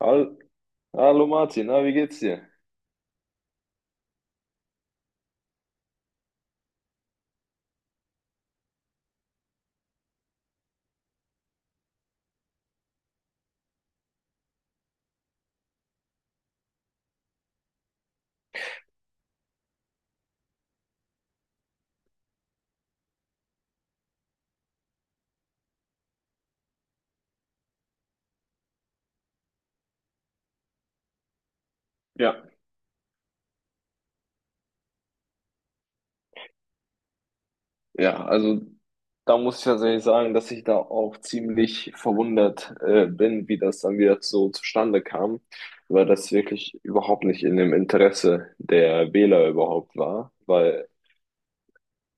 Hall- Hallo Martin, na, wie geht's dir? Ja, Ja, also da muss ich tatsächlich sagen, dass ich da auch ziemlich verwundert bin, wie das dann wieder so zustande kam, weil das wirklich überhaupt nicht in dem Interesse der Wähler überhaupt war, weil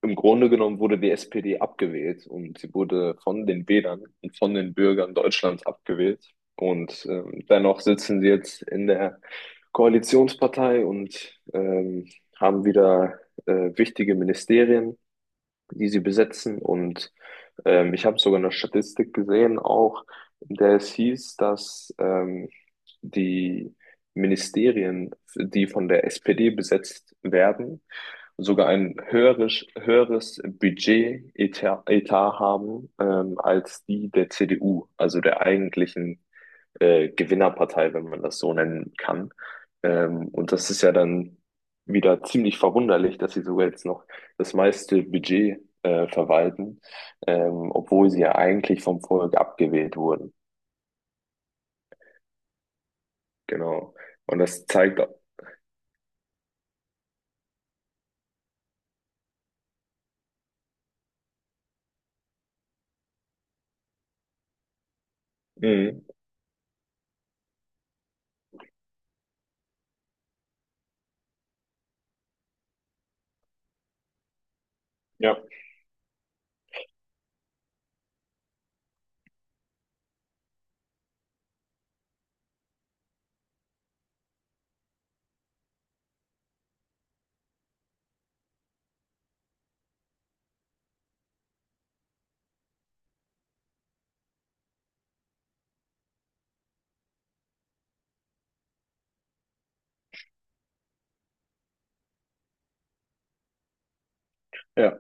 im Grunde genommen wurde die SPD abgewählt und sie wurde von den Wählern und von den Bürgern Deutschlands abgewählt. Und dennoch sitzen sie jetzt in der Koalitionspartei und haben wieder wichtige Ministerien, die sie besetzen. Und ich habe sogar eine Statistik gesehen, auch in der es hieß, dass die Ministerien, die von der SPD besetzt werden, sogar ein höheres Budget-Etat Etat haben als die der CDU, also der eigentlichen Gewinnerpartei, wenn man das so nennen kann. Und das ist ja dann wieder ziemlich verwunderlich, dass sie sogar jetzt noch das meiste Budget verwalten, obwohl sie ja eigentlich vom Volk abgewählt wurden. Genau. Und das zeigt, mhm. Ja, ja,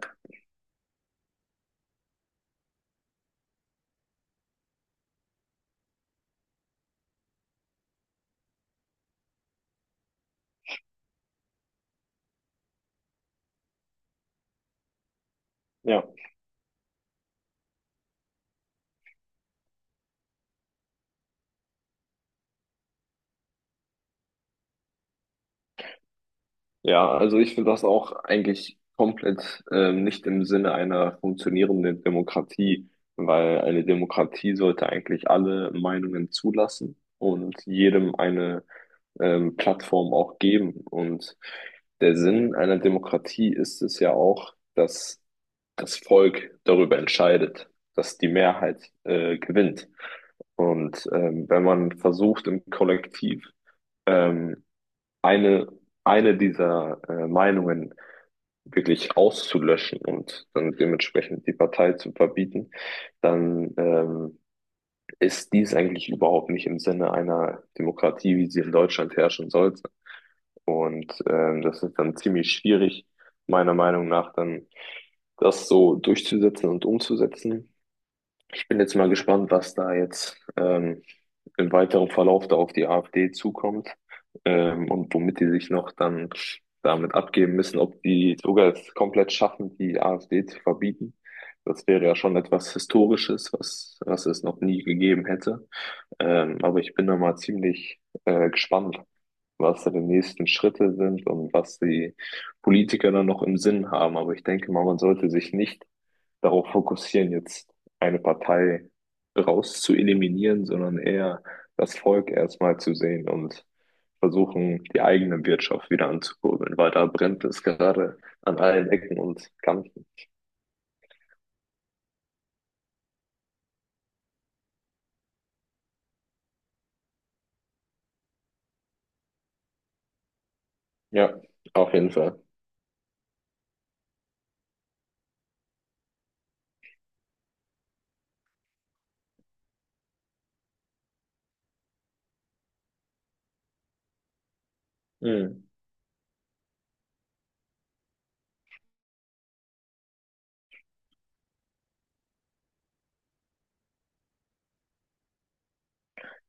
ja, ja. Also ich finde das auch eigentlich komplett nicht im Sinne einer funktionierenden Demokratie, weil eine Demokratie sollte eigentlich alle Meinungen zulassen und jedem eine Plattform auch geben. Und der Sinn einer Demokratie ist es ja auch, dass das Volk darüber entscheidet, dass die Mehrheit gewinnt. Und wenn man versucht, im Kollektiv ähm, eine, eine dieser Meinungen wirklich auszulöschen und dann dementsprechend die Partei zu verbieten, dann ist dies eigentlich überhaupt nicht im Sinne einer Demokratie, wie sie in Deutschland herrschen sollte. Und das ist dann ziemlich schwierig, meiner Meinung nach, dann das so durchzusetzen und umzusetzen. Ich bin jetzt mal gespannt, was da jetzt im weiteren Verlauf da auf die AfD zukommt und womit die sich noch dann damit abgeben müssen, ob die sogar es komplett schaffen, die AfD zu verbieten. Das wäre ja schon etwas Historisches, was es noch nie gegeben hätte. Aber ich bin da mal ziemlich gespannt, was da die nächsten Schritte sind und was die Politiker dann noch im Sinn haben. Aber ich denke mal, man sollte sich nicht darauf fokussieren, jetzt eine Partei raus zu eliminieren, sondern eher das Volk erstmal zu sehen und versuchen, die eigene Wirtschaft wieder anzukurbeln, weil da brennt es gerade an allen Ecken und Kanten. Ja, auf jeden Fall. Hm.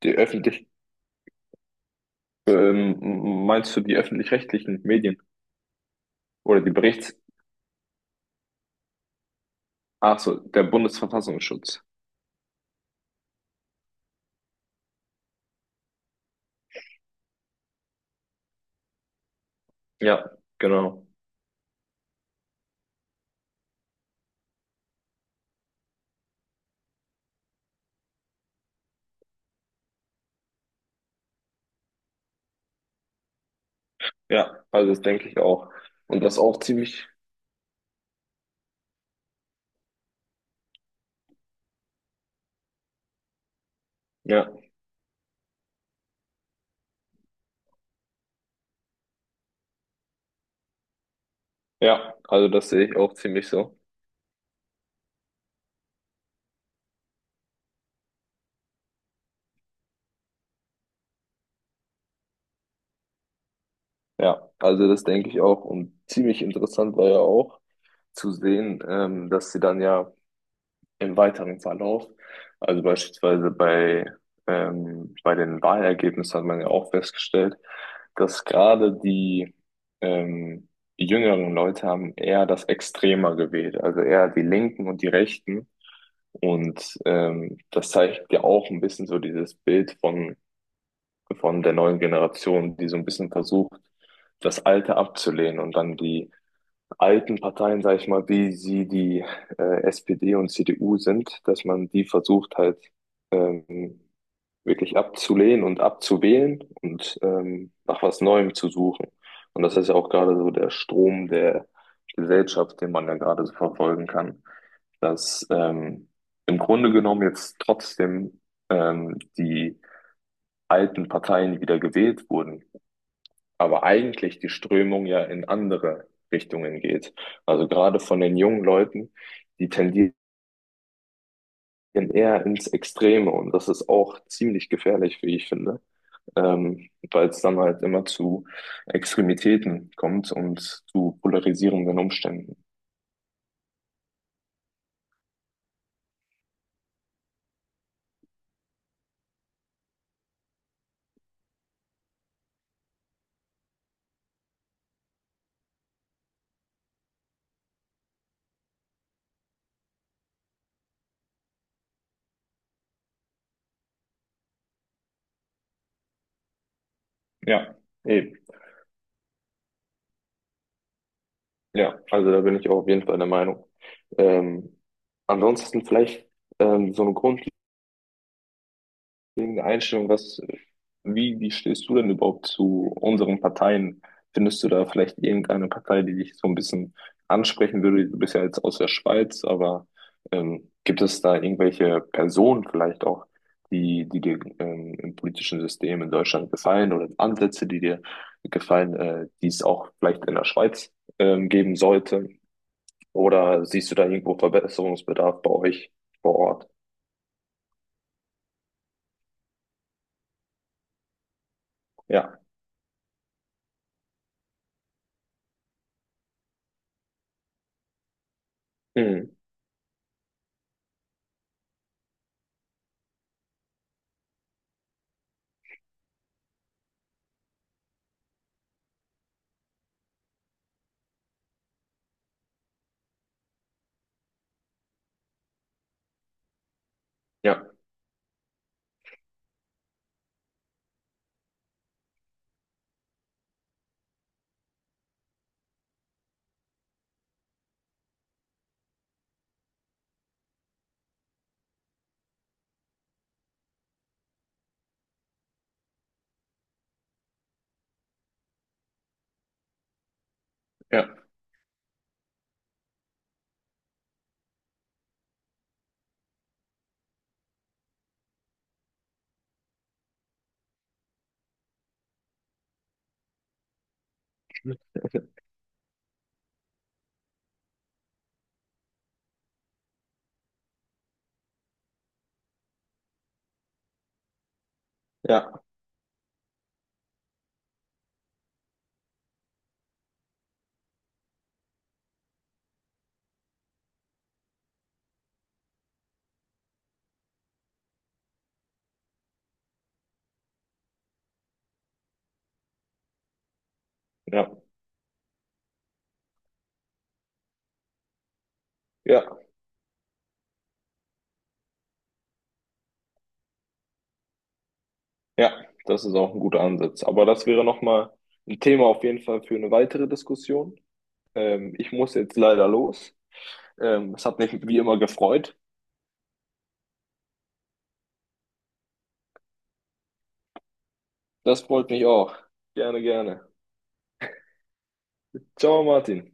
Die öffentlich, meinst du die öffentlich-rechtlichen Medien oder ach so, der Bundesverfassungsschutz? Ja, genau. Ja, also das denke ich auch. Und das auch ziemlich, ja, ja, also das sehe ich auch ziemlich so. Ja, also das denke ich auch. Und ziemlich interessant war ja auch zu sehen, dass sie dann ja im weiteren Verlauf, also beispielsweise bei, bei den Wahlergebnissen hat man ja auch festgestellt, dass gerade die ähm, jüngeren Leute haben eher das Extremer gewählt, also eher die Linken und die Rechten. Und das zeigt ja auch ein bisschen so dieses Bild von der neuen Generation, die so ein bisschen versucht, das Alte abzulehnen und dann die alten Parteien, sage ich mal, wie sie die SPD und CDU sind, dass man die versucht halt ähm, wirklich abzulehnen und abzuwählen und nach was Neuem zu suchen. Und das ist ja auch gerade so der Strom der Gesellschaft, den man ja gerade so verfolgen kann, dass im Grunde genommen jetzt trotzdem die alten Parteien wieder gewählt wurden, aber eigentlich die Strömung ja in andere Richtungen geht. Also gerade von den jungen Leuten, die tendieren eher ins Extreme und das ist auch ziemlich gefährlich, wie ich finde, weil es dann halt immer zu Extremitäten kommt und zu polarisierenden Umständen. Ja, eben. Ja, also da bin ich auch auf jeden Fall der Meinung. Ähm, Ansonsten vielleicht so eine Grund. Wegen der Einstellung, wie stehst du denn überhaupt zu unseren Parteien? Findest du da vielleicht irgendeine Partei, die dich so ein bisschen ansprechen würde? Du bist ja jetzt aus der Schweiz, aber gibt es da irgendwelche Personen vielleicht auch, die dir im politischen System in Deutschland gefallen oder Ansätze, die dir gefallen, die es auch vielleicht in der Schweiz geben sollte? Oder siehst du da irgendwo Verbesserungsbedarf bei euch vor Ort? Ja. Mhm. Ja, ja. Mhm. Ja. Ja, ja, ja, das ist auch ein guter Ansatz. Aber das wäre nochmal ein Thema auf jeden Fall für eine weitere Diskussion. Ich muss jetzt leider los. Es hat mich wie immer gefreut. Das freut mich auch. Gerne, gerne. Ciao, Martin.